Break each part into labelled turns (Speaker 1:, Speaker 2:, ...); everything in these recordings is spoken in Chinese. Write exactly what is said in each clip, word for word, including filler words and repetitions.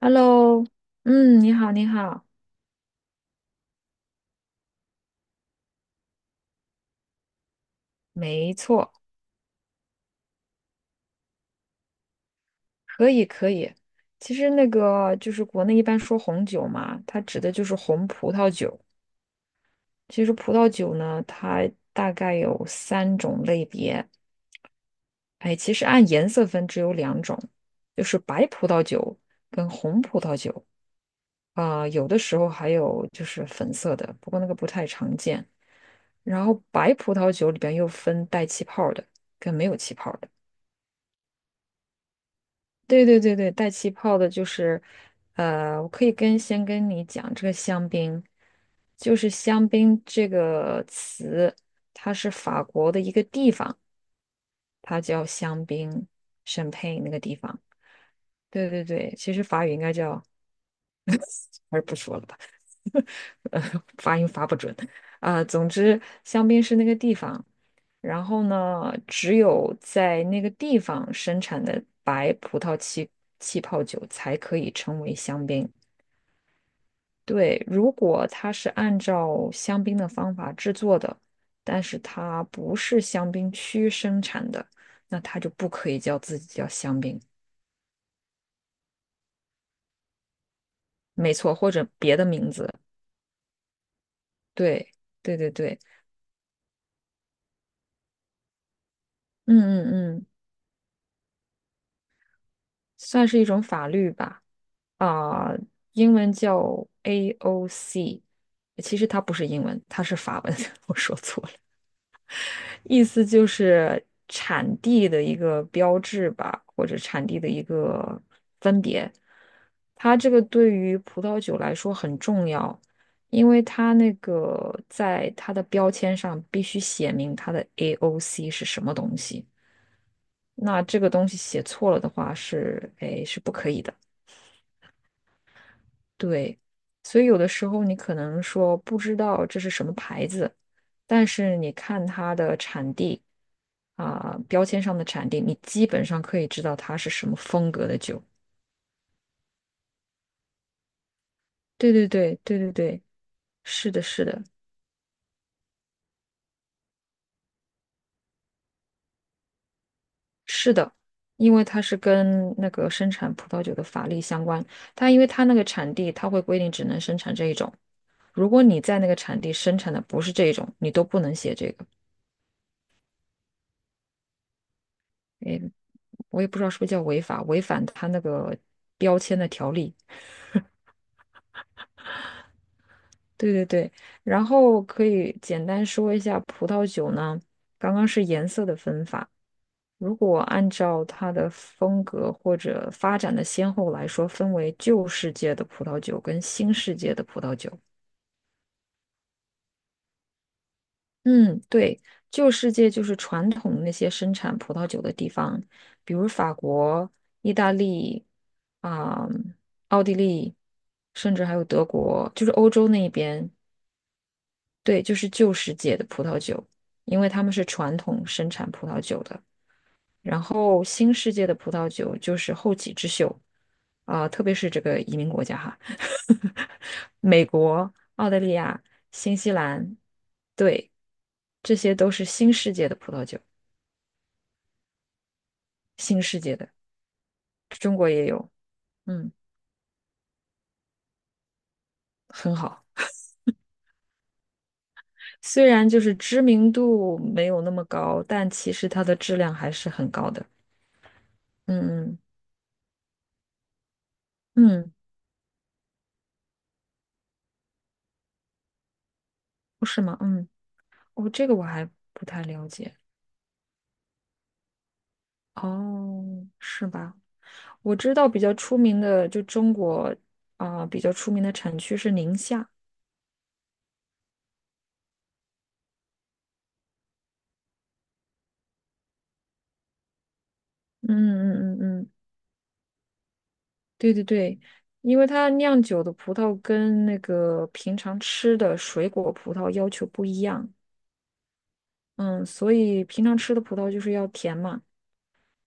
Speaker 1: Hello，嗯，你好，你好，没错，可以，可以。其实那个就是国内一般说红酒嘛，它指的就是红葡萄酒。其实葡萄酒呢，它大概有三种类别。哎，其实按颜色分只有两种，就是白葡萄酒跟红葡萄酒啊、有的时候还有就是粉色的，不过那个不太常见。然后白葡萄酒里边又分带气泡的跟没有气泡的。对对对对，带气泡的，就是，呃，我可以跟先跟你讲这个香槟，就是香槟这个词，它是法国的一个地方，它叫香槟，n 佩那个地方。对对对，其实法语应该叫，还是不说了吧，呃，发音发不准啊、总之，香槟是那个地方，然后呢，只有在那个地方生产的白葡萄气气泡酒才可以称为香槟。对，如果它是按照香槟的方法制作的，但是它不是香槟区生产的，那它就不可以叫自己叫香槟，没错，或者别的名字。对，对对对，嗯嗯嗯，算是一种法律吧。啊、英文叫 A O C，其实它不是英文，它是法文，我说错了。意思就是产地的一个标志吧，或者产地的一个分别。它这个对于葡萄酒来说很重要，因为它那个在它的标签上必须写明它的 A O C 是什么东西。那这个东西写错了的话是，哎，是不可以的。对，所以有的时候你可能说不知道这是什么牌子，但是你看它的产地啊，标签上的产地，你基本上可以知道它是什么风格的酒。对对对对对对，是的，是的，是的，因为它是跟那个生产葡萄酒的法律相关，它因为它那个产地，它会规定只能生产这一种。如果你在那个产地生产的不是这一种，你都不能写这个。诶，我也不知道是不是叫违法，违反它那个标签的条例。对对对，然后可以简单说一下葡萄酒呢，刚刚是颜色的分法，如果按照它的风格或者发展的先后来说，分为旧世界的葡萄酒跟新世界的葡萄酒。嗯，对，旧世界就是传统那些生产葡萄酒的地方，比如法国、意大利啊、奥地利，甚至还有德国，就是欧洲那一边。对，就是旧世界的葡萄酒，因为他们是传统生产葡萄酒的。然后新世界的葡萄酒就是后起之秀啊、特别是这个移民国家哈，美国、澳大利亚、新西兰，对，这些都是新世界的葡萄酒，新世界的，中国也有，嗯，很好。虽然就是知名度没有那么高，但其实它的质量还是很高的。嗯嗯嗯，不是吗？嗯，哦，这个我还不太了解。哦，是吧？我知道比较出名的，就中国啊、比较出名的产区是宁夏。嗯嗯嗯嗯，对对对，因为它酿酒的葡萄跟那个平常吃的水果葡萄要求不一样，嗯，所以平常吃的葡萄就是要甜嘛，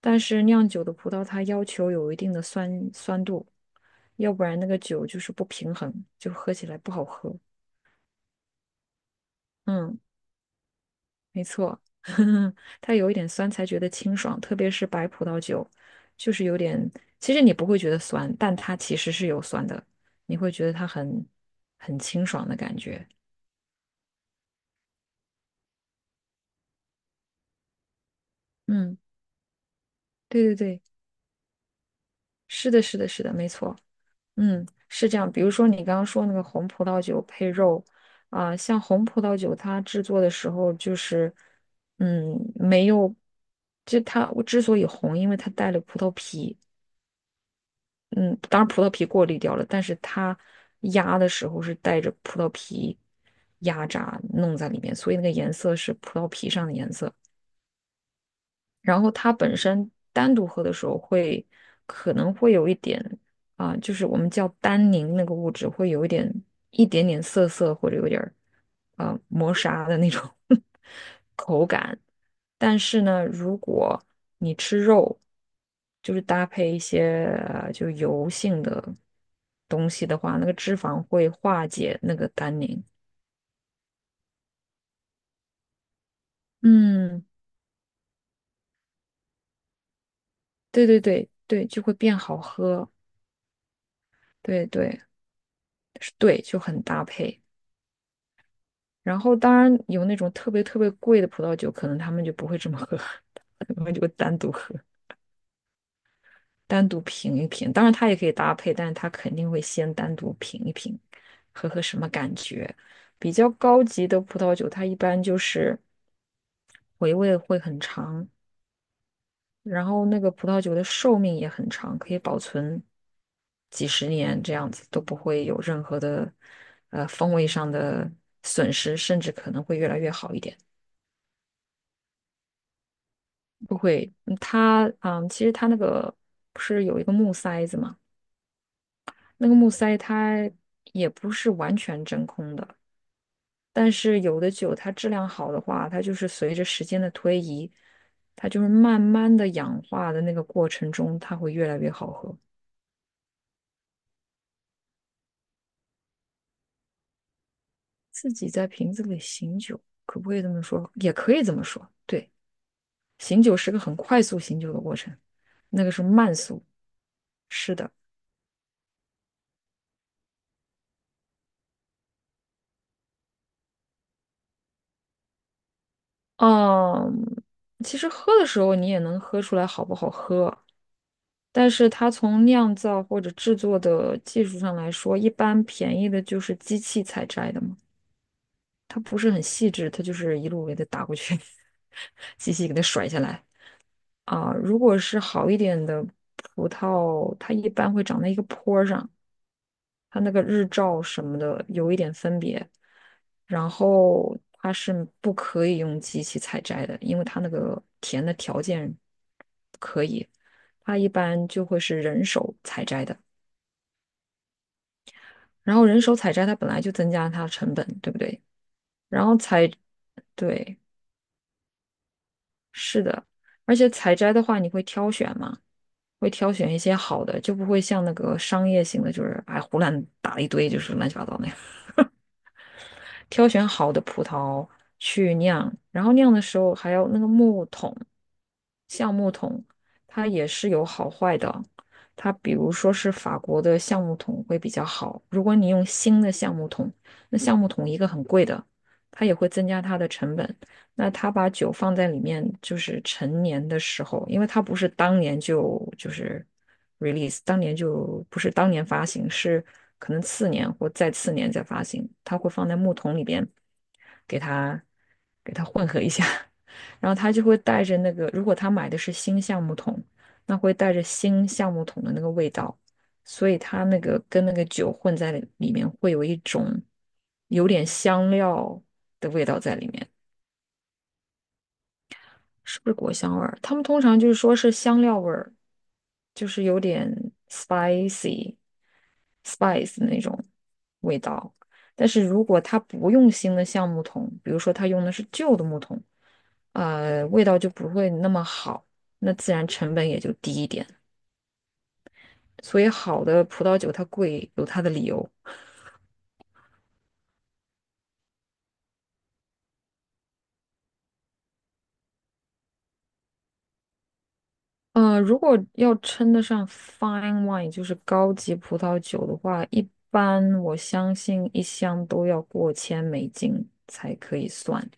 Speaker 1: 但是酿酒的葡萄它要求有一定的酸酸度，要不然那个酒就是不平衡，就喝起来不好喝。嗯。没错，它有一点酸才觉得清爽，特别是白葡萄酒，就是有点，其实你不会觉得酸，但它其实是有酸的，你会觉得它很很清爽的感觉。嗯，对对对，是的，是的，是的，没错，嗯，是这样。比如说你刚刚说那个红葡萄酒配肉，啊、像红葡萄酒它制作的时候就是，嗯，没有，就它我之所以红，因为它带了葡萄皮。嗯，当然葡萄皮过滤掉了，但是它压的时候是带着葡萄皮压榨弄在里面，所以那个颜色是葡萄皮上的颜色。然后它本身单独喝的时候会可能会有一点啊、就是我们叫单宁那个物质会有一点一点点涩涩或者有点儿啊、磨砂的那种 但是呢，如果你吃肉，就是搭配一些呃就油性的东西的话，那个脂肪会化解那个单宁。嗯，对对对对，就会变好喝。对对是对，就很搭配。然后当然有那种特别特别贵的葡萄酒，可能他们就不会这么喝，他们就会单独喝。单独品一品，当然它也可以搭配，但是它肯定会先单独品一品，喝喝什么感觉。比较高级的葡萄酒，它一般就是回味会很长，然后那个葡萄酒的寿命也很长，可以保存几十年这样子，都不会有任何的呃风味上的损失，甚至可能会越来越好一点。不会，嗯它嗯，其实它那个不是有一个木塞子嘛？那个木塞它也不是完全真空的，但是有的酒它质量好的话，它就是随着时间的推移，它就是慢慢的氧化的那个过程中，它会越来越好喝。自己在瓶子里醒酒，可不可以这么说？也可以这么说。对，醒酒是个很快速醒酒的过程，那个是慢速。是的，嗯，其实喝的时候你也能喝出来好不好喝。但是它从酿造或者制作的技术上来说，一般便宜的就是机器采摘的嘛，它不是很细致，它就是一路给它打过去，机器给它甩下来啊。如果是好一点的葡萄，它一般会长在一个坡儿上，它那个日照什么的有一点分别，然后它是不可以用机器采摘的，因为它那个田的条件不可以，它一般就会是人手采摘的。然后人手采摘它本来就增加了它的成本，对不对？然后采，对，是的，而且采摘的话你会挑选嘛，会挑选一些好的，就不会像那个商业型的，就是哎胡乱打了一堆，就是乱七八糟那样。挑选好的葡萄去酿，然后酿的时候还要那个木桶，橡木桶，它也是有好坏的。它比如说是法国的橡木桶会比较好，如果你用新的橡木桶，那橡木桶一个很贵的，它也会增加它的成本。那他把酒放在里面，就是陈年的时候，因为他不是当年就就是 release，当年就不是当年发行，是可能次年或再次年再发行，他会放在木桶里边，给他给他混合一下，然后他就会带着那个，如果他买的是新橡木桶，那会带着新橡木桶的那个味道，所以它那个跟那个酒混在里面，会有一种有点香料的味道在里面。是不是果香味儿？他们通常就是说是香料味儿，就是有点 spicy spice 那种味道。但是如果他不用新的橡木桶，比如说他用的是旧的木桶，呃，味道就不会那么好，那自然成本也就低一点。所以好的葡萄酒它贵有它的理由。呃，如果要称得上 fine wine，就是高级葡萄酒的话，一般我相信一箱都要过千美金才可以算，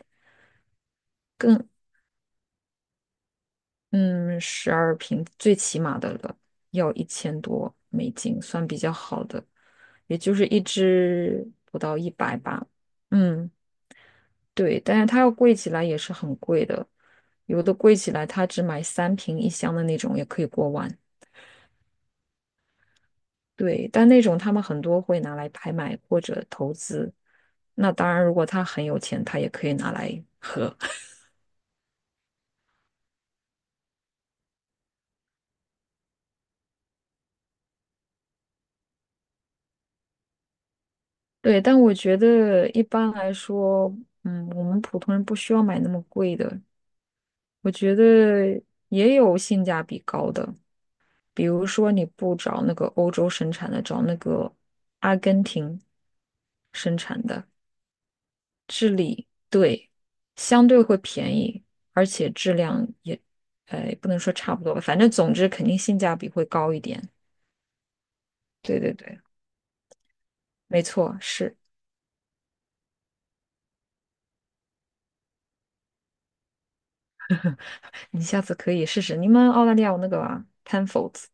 Speaker 1: 更嗯，十二瓶最起码的了，要一千多美金算比较好的，也就是一支不到一百吧。嗯，对，但是它要贵起来也是很贵的，有的贵起来它只买三瓶一箱的那种也可以过万。对，但那种他们很多会拿来拍卖或者投资。那当然，如果他很有钱，他也可以拿来 喝。对，但我觉得一般来说，嗯，我们普通人不需要买那么贵的。我觉得也有性价比高的，比如说你不找那个欧洲生产的，找那个阿根廷生产的。治理，对，相对会便宜，而且质量也，呃，不能说差不多吧，反正总之肯定性价比会高一点。对对对，没错，是。你下次可以试试，你们澳大利亚有那个啊 Penfolds，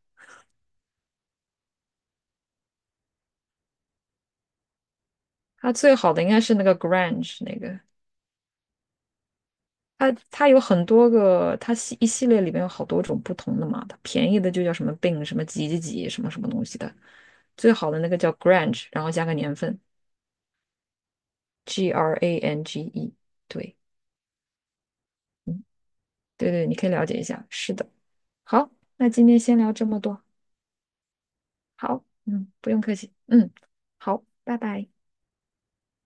Speaker 1: 它最好的应该是那个 Grange 那个，它它有很多个，它系一系列里面有好多种不同的嘛，它便宜的就叫什么 Bin 什么几几几什么什么东西的，最好的那个叫 Grange，然后加个年份 G R A N G E，对。对对，你可以了解一下。是的，好，那今天先聊这么多。好，嗯，不用客气，嗯，好，拜拜。